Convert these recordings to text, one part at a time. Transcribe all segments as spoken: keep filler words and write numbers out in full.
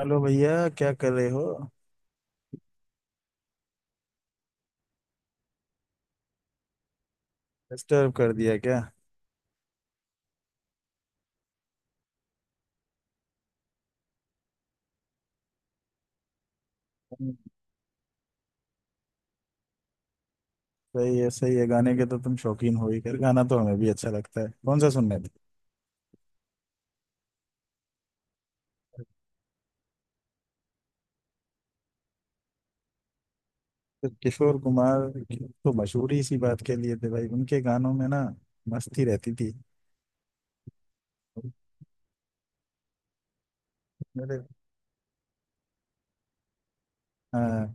Hello भैया, क्या कर रहे हो? डिस्टर्ब कर दिया क्या? हम्म। सही है, सही है। गाने के तो तुम शौकीन हो ही। खैर, गाना तो हमें भी अच्छा लगता है। कौन सा सुनने थे? तो किशोर कुमार तो मशहूर ही इसी बात के लिए थे भाई। उनके गानों में ना मस्ती रहती थी। मेरे हाँ।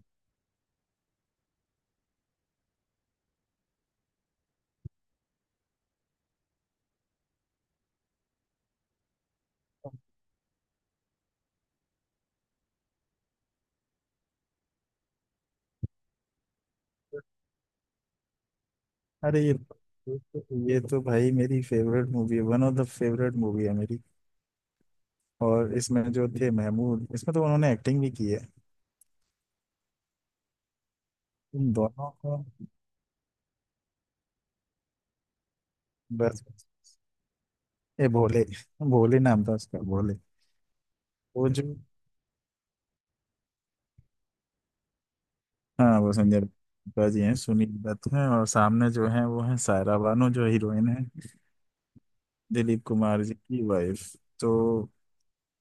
अरे, ये ये तो भाई मेरी फेवरेट मूवी है। One of the favourite movie है मेरी। और इसमें जो थे महमूद, इसमें तो उन्होंने एक्टिंग भी की है। इन दोनों को। बस बस। ये भोले, भोले नाम था उसका। भोले। वो जो। हाँ, वो संजय दत्ता जी हैं, सुनील दत्त हैं। और सामने जो हैं वो हैं सायरा बानो, जो हीरोइन है। दिलीप कुमार जी की वाइफ। तो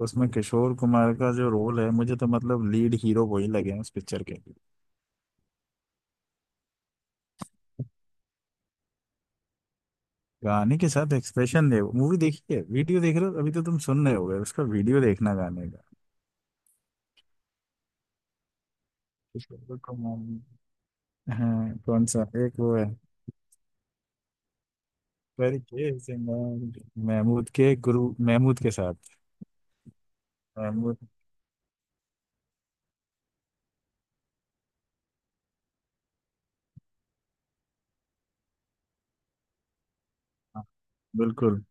उसमें किशोर कुमार का जो रोल है, मुझे तो मतलब लीड हीरो वही लगे हैं उस पिक्चर के। गाने के साथ एक्सप्रेशन दे। मूवी देखिए, वीडियो देख रहे हो अभी तो? तुम सुन रहे होगे, उसका वीडियो देखना गाने का। किशोर कुमार। हाँ, कौन सा? एक वो है, करके सिंगार, महमूद के गुरु, महमूद के साथ। महमूद। हाँ, बिल्कुल।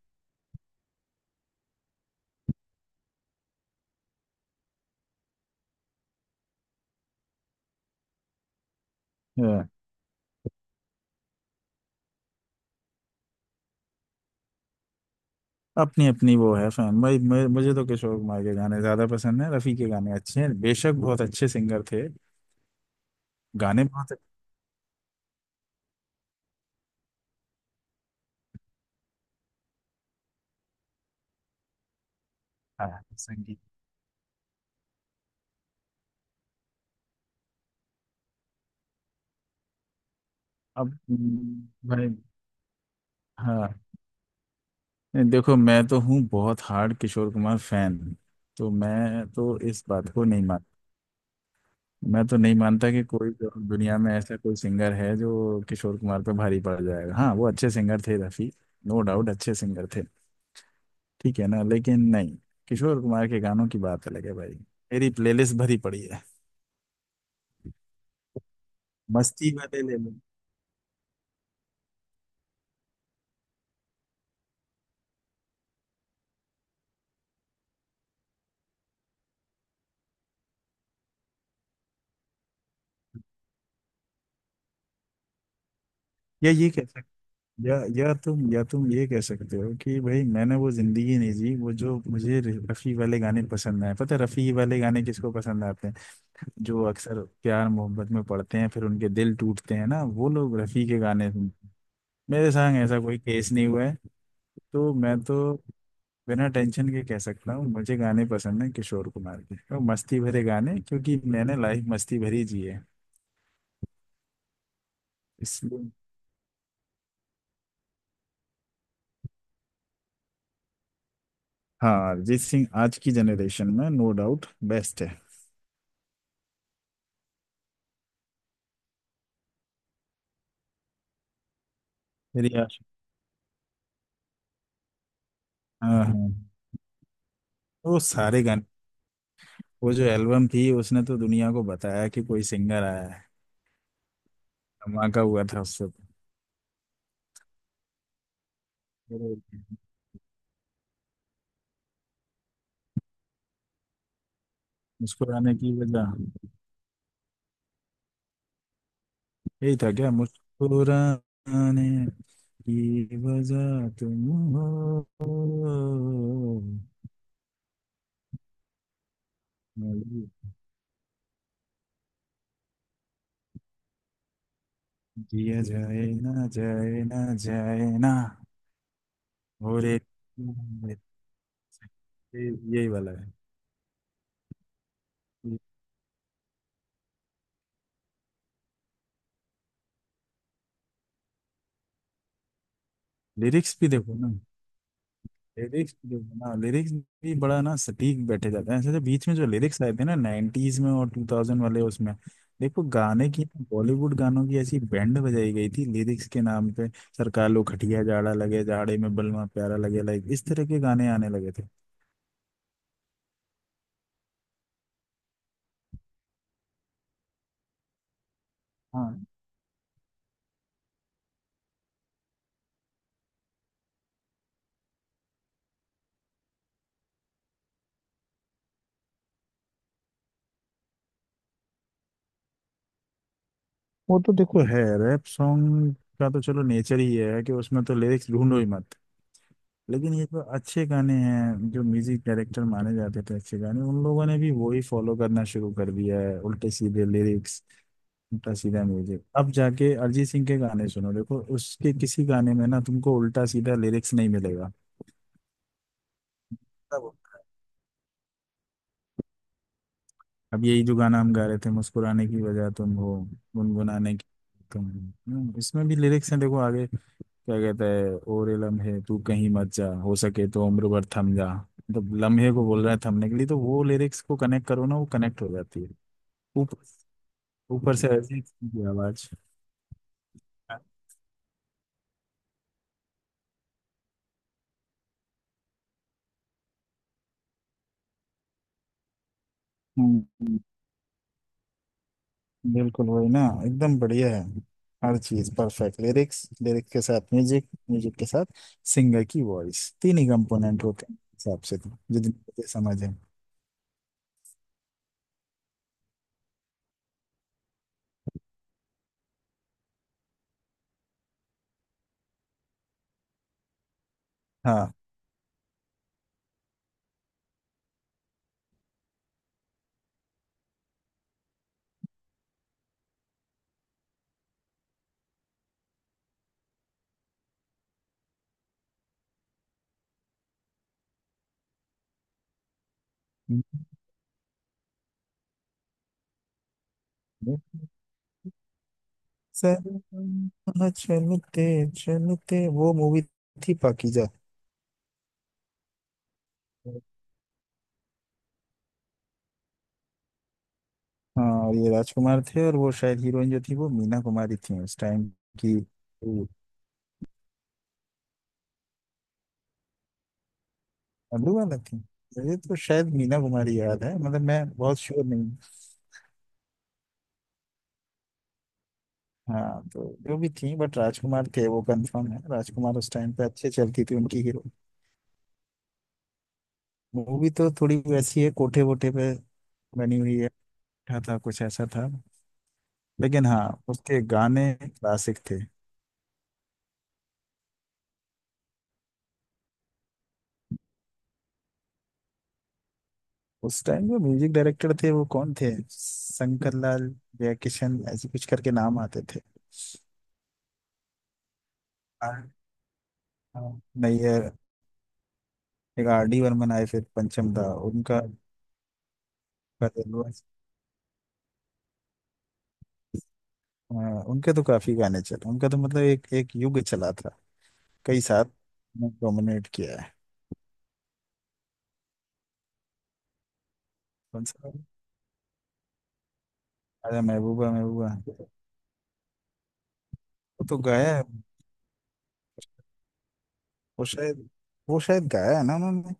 हाँ। अपनी अपनी वो है फैन भाई। मैं- मुझे तो किशोर कुमार के गाने ज्यादा पसंद है। रफ़ी के गाने अच्छे हैं, बेशक बहुत अच्छे सिंगर थे। गाने बहुत। अच्छा है संगीत। अब हम्म, भाई। हाँ। देखो, मैं तो हूँ बहुत हार्ड किशोर कुमार फैन। तो मैं तो इस बात को नहीं मान। मैं तो नहीं मानता कि कोई जो दुनिया में ऐसा कोई सिंगर है जो किशोर कुमार पे भारी पड़ जाएगा। हाँ, वो अच्छे सिंगर थे रफ़ी। नो डाउट अच्छे सिंगर थे। ठीक है ना, लेकिन नहीं। किशोर कुमार के गानों की बात अलग है भाई। मेरी प्लेलिस्ट भरी पड़ी है। मस्ती वाले ले लो। या ये कह सकते या या तुम या तुम ये कह सकते हो कि भाई मैंने वो जिंदगी नहीं जी। वो जो मुझे र- रफ़ी वाले गाने पसंद आए। पता है रफ़ी वाले गाने किसको पसंद आते हैं? जो अक्सर प्यार मोहब्बत में पड़ते हैं फिर उनके दिल टूटते हैं ना, वो लोग रफ़ी के गाने सुनते हैं। मेरे संग ऐसा कोई केस नहीं हुआ है। तो मैं तो बिना टेंशन के कह सकता हूँ मुझे गाने पसंद है किशोर कुमार के और मस्ती भरे गाने, क्योंकि मैंने लाइफ मस्ती भरी जी है। इसलिए। हाँ, अरिजीत सिंह आज की जनरेशन में नो डाउट बेस्ट है। मेरी आश- हाँ, हाँ। वो सारे गाने। वो जो एल्बम थी, उसने तो दुनिया को बताया कि कोई सिंगर आया है। धमाका हुआ था उससे तो। मुस्कुराने की वजह। यही था क्या? मुस्कुराने की वजह तुम हो। जिया जाए ना जाए ना जाए ना। और एक। ये- यही वाला है। लिरिक्स भी देखो ना, लिरिक्स भी देखो ना। लिरिक्स भी बड़ा ना सटीक बैठे जाते हैं, ऐसे जो बीच में जो लिरिक्स आए थे ना नाइनटीज में और टू थाउजेंड वाले, उसमें देखो गाने की। बॉलीवुड गानों की ऐसी बैंड बजाई गई थी लिरिक्स के नाम पे। सरकार लो खटिया, जाड़ा लगे जाड़े में बलमा प्यारा लगे, लाइक इस तरह के गाने आने लगे थे। हाँ, वो तो देखो है, रैप सॉन्ग का तो चलो नेचर ही है कि उसमें तो लिरिक्स ढूंढो ही मत। लेकिन ये जो अच्छे गाने हैं, जो म्यूजिक डायरेक्टर माने जाते थे अच्छे गाने, उन लोगों ने भी वही फॉलो करना शुरू कर दिया है, उल्टे सीधे लिरिक्स, उल्टा सीधा म्यूजिक। अब जाके अरिजीत सिंह के गाने सुनो, देखो उसके किसी गाने में ना तुमको उल्टा सीधा लिरिक्स नहीं मिलेगा। सब। अब यही जो गाना हम गा रहे थे, मुस्कुराने की वजह तुम हो, गुनगुनाने की तुम हो। हम्म, इसमें भी लिरिक्स हैं, देखो आगे क्या कहता है। ओरे लम्हे तू कहीं मत जा, हो सके तो उम्र भर थम जा। मतलब लम्हे को बोल रहा है थमने के लिए, तो वो लिरिक्स को कनेक्ट करो ना, वो कनेक्ट हो जाती है। ऊपर। ऊपर से ऐसी की आवाज। हम्म, बिल्कुल वही ना। एकदम बढ़िया है। हर चीज परफेक्ट, लिरिक्स, लिरिक्स के साथ म्यूजिक, म्यूजिक के साथ सिंगर की वॉइस। तीन ही कंपोनेंट होते हैं, इस हिसाब से तो जितनी मुझे समझ है। हाँ। सनम। चलते चलते वो मूवी थी पाकीजा। हाँ, और ये राजकुमार थे और वो शायद हीरोइन जो थी वो मीना कुमारी थी उस टाइम की। हम्म, अब्रू वाला थी। मुझे तो शायद मीना कुमारी याद है, मतलब मैं बहुत श्योर नहीं हूँ। हाँ, तो जो भी थी बट राजकुमार थे वो कंफर्म है। राजकुमार उस टाइम पे अच्छे चलती थी उनकी हीरो। मूवी तो थोड़ी वैसी है, कोठे वोठे पे बनी हुई है। था, था कुछ ऐसा था। लेकिन हाँ, उसके गाने क्लासिक थे। उस टाइम जो म्यूजिक डायरेक्टर थे वो कौन थे, शंकर लाल जयकिशन ऐसे कुछ करके नाम आते थे। आर- हाँ, नैयर। एक आर डी बर्मन आए, फिर पंचम दा। उनका। करेलवा। हाँ, उनके तो काफी गाने चले। उनका तो मतलब एक एक युग चला था। कई साल। डोमिनेट किया है। कौन सा? अरे, महबूबा महबूबा। वो तो गाया है। वो शायद वो शायद गाया है ना उन्होंने।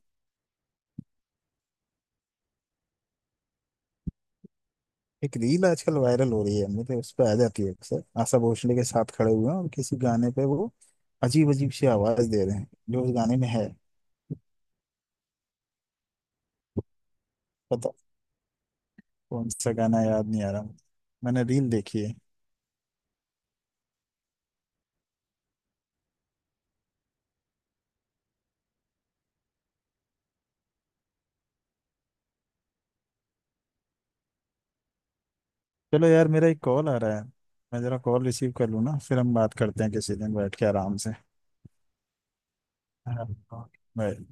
एक रील आजकल वायरल हो रही है, मुझे उस पर आ जाती है अक्सर। आशा भोसले के साथ खड़े हुए हैं और किसी गाने पे वो अजीब अजीब सी आवाज दे रहे हैं जो उस गाने में है। पता। कौन सा गाना याद नहीं आ रहा मुझे। मैंने रील देखी है। चलो यार, मेरा एक कॉल आ रहा है। मैं जरा कॉल रिसीव कर लूँ ना, फिर हम बात करते हैं किसी दिन बैठ के आराम से। हाँ। बाय।